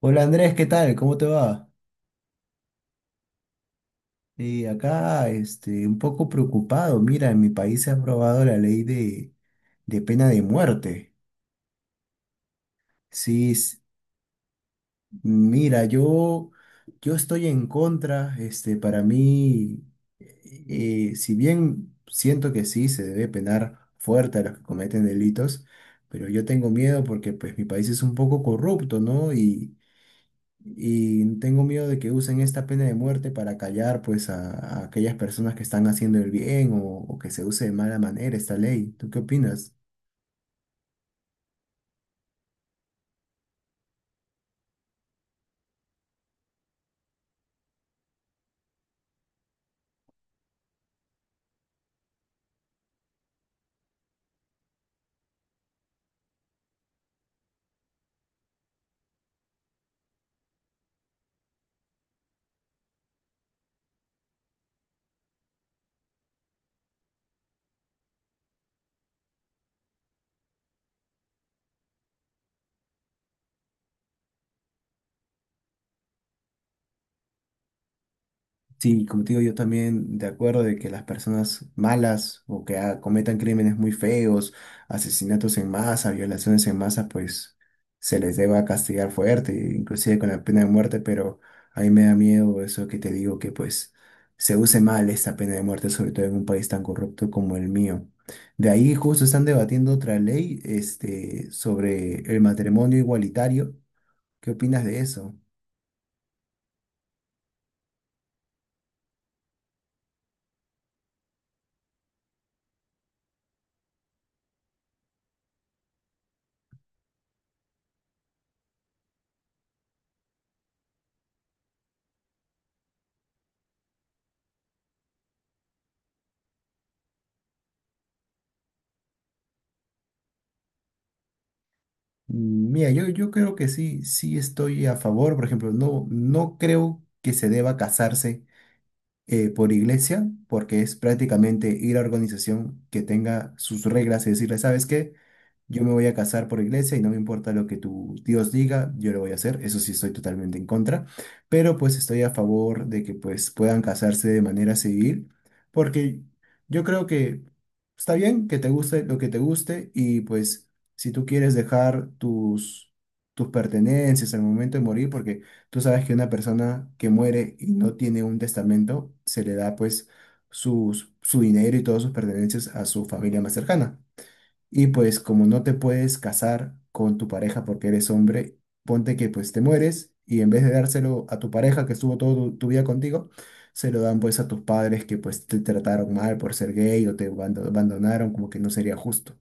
Hola Andrés, ¿qué tal? ¿Cómo te va? Y acá, un poco preocupado. Mira, en mi país se ha aprobado la ley de pena de muerte. Sí, mira, yo estoy en contra. Para mí, eh, si bien siento que sí se debe penar fuerte a los que cometen delitos, pero yo tengo miedo porque, pues, mi país es un poco corrupto, ¿no? Y tengo miedo de que usen esta pena de muerte para callar pues a aquellas personas que están haciendo el bien o que se use de mala manera esta ley. ¿Tú qué opinas? Sí, como te digo, yo también de acuerdo de que las personas malas o que cometan crímenes muy feos, asesinatos en masa, violaciones en masa, pues se les deba castigar fuerte, inclusive con la pena de muerte, pero a mí me da miedo eso que te digo que pues se use mal esta pena de muerte, sobre todo en un país tan corrupto como el mío. De ahí justo están debatiendo otra ley, sobre el matrimonio igualitario. ¿Qué opinas de eso? Mm, mira, yo creo que sí estoy a favor. Por ejemplo, no creo que se deba casarse por iglesia, porque es prácticamente ir a organización que tenga sus reglas y decirle, ¿sabes qué? Yo me voy a casar por iglesia y no me importa lo que tu Dios diga, yo lo voy a hacer. Eso sí estoy totalmente en contra, pero pues estoy a favor de que pues puedan casarse de manera civil, porque yo creo que está bien que te guste lo que te guste y pues si tú quieres dejar tus pertenencias al momento de morir, porque tú sabes que una persona que muere y no tiene un testamento, se le da pues su dinero y todas sus pertenencias a su familia más cercana. Y pues como no te puedes casar con tu pareja porque eres hombre, ponte que pues te mueres y en vez de dárselo a tu pareja que estuvo toda tu vida contigo, se lo dan pues a tus padres que pues te trataron mal por ser gay o te abandonaron, como que no sería justo.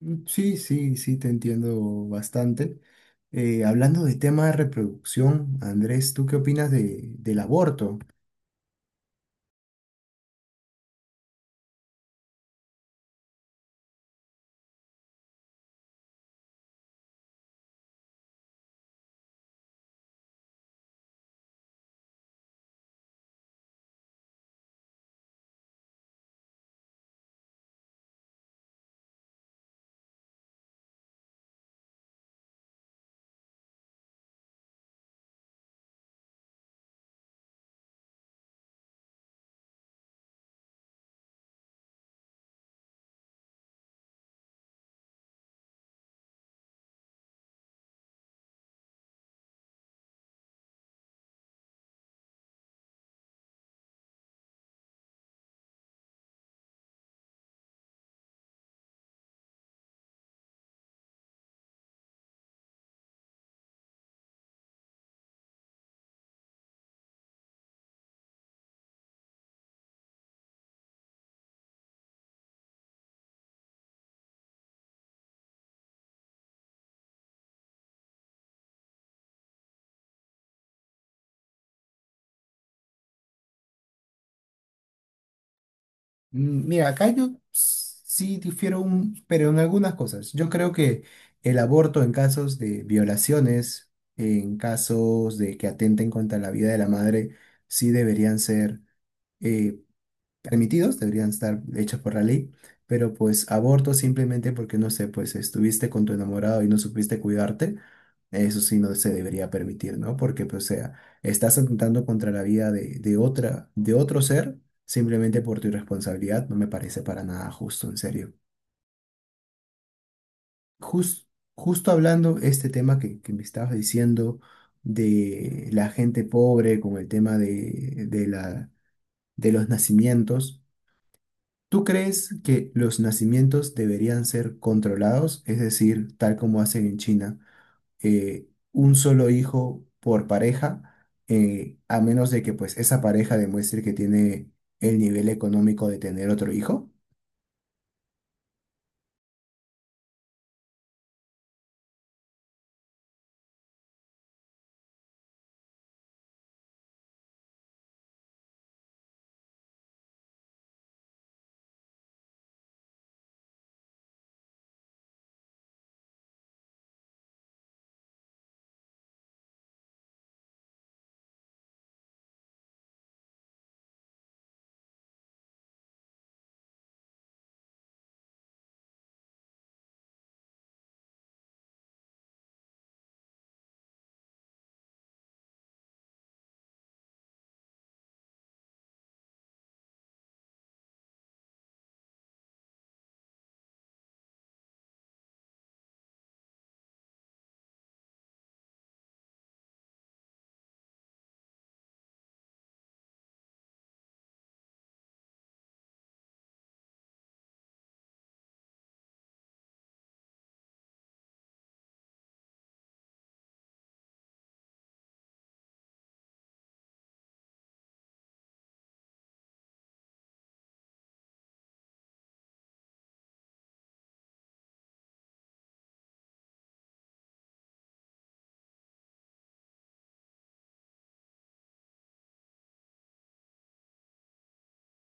Mm, sí, sí, sí, te entiendo bastante. Hablando de tema de reproducción, Andrés, ¿tú qué opinas del aborto? Mm, mira, acá yo sí difiero un, pero en algunas cosas. Yo creo que el aborto en casos de violaciones, en casos de que atenten contra la vida de la madre, sí deberían ser eh, permitidos, deberían estar hechos por la ley, pero pues aborto simplemente porque, no sé, pues estuviste con tu enamorado y no supiste cuidarte, eso sí no se debería permitir, ¿no? Porque, pues, o sea, estás atentando contra la vida de otra, de otro ser simplemente por tu irresponsabilidad, no me parece para nada justo, en serio. Jus- Justo hablando este tema que me estabas diciendo de la gente pobre con el tema de la, de los nacimientos. ¿Tú crees que los nacimientos deberían ser controlados? Es decir, tal como hacen en China, un solo hijo por pareja, a menos de que pues esa pareja demuestre que tiene el nivel económico de tener otro hijo.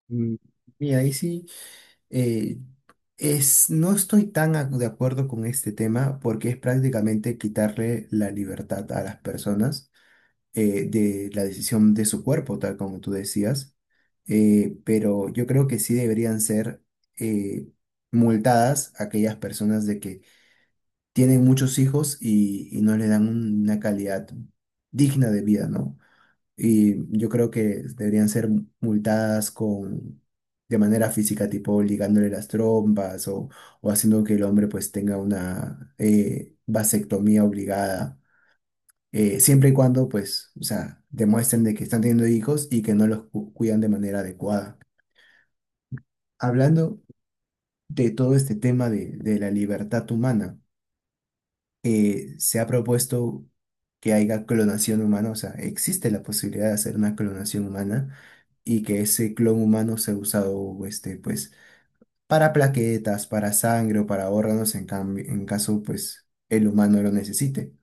Mm, mira, ahí sí, eh, Es, no estoy tan de acuerdo con este tema porque es prácticamente quitarle la libertad a las personas de la decisión de su cuerpo, tal como tú decías, pero yo creo que sí deberían ser eh, multadas aquellas personas de que tienen muchos hijos y no le dan una calidad digna de vida, ¿no? Y yo creo que deberían ser multadas con... de manera física, tipo ligándole las trompas o haciendo que el hombre pues tenga una vasectomía obligada, siempre y cuando, pues, o sea, demuestren de que están teniendo hijos y que no los cuidan de manera adecuada. Hablando de todo este tema de la libertad humana, se ha propuesto que haya clonación humana, o sea, existe la posibilidad de hacer una clonación humana y que ese clon humano sea usado, pues, para plaquetas, para sangre o para órganos en cambio, en caso, pues, el humano lo necesite.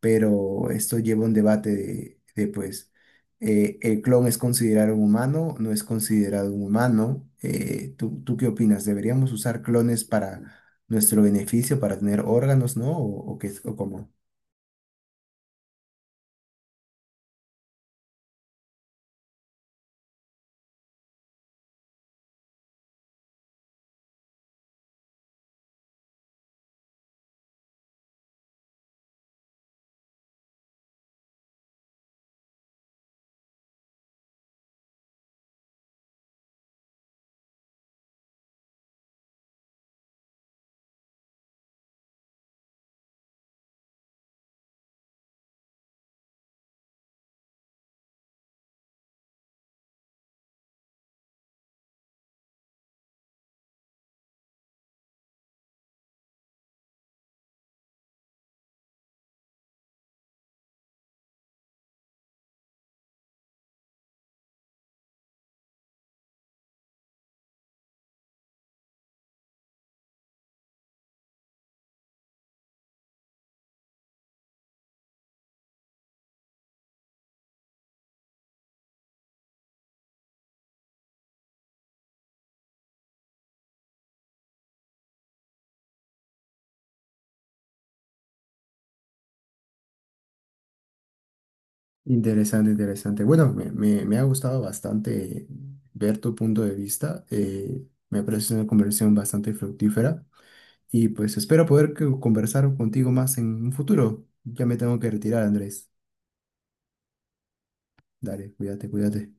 Pero esto lleva un debate pues, ¿el clon es considerado un humano? ¿No es considerado un humano? ¿Tú qué opinas? ¿Deberíamos usar clones para nuestro beneficio, para tener órganos, ¿no? ¿O qué, o cómo? Interesante, interesante. Bueno, me ha gustado bastante ver tu punto de vista. Eh, me parece una conversación bastante fructífera y pues espero poder conversar contigo más en un futuro. Ya me tengo que retirar, Andrés. Dale, cuídate, cuídate.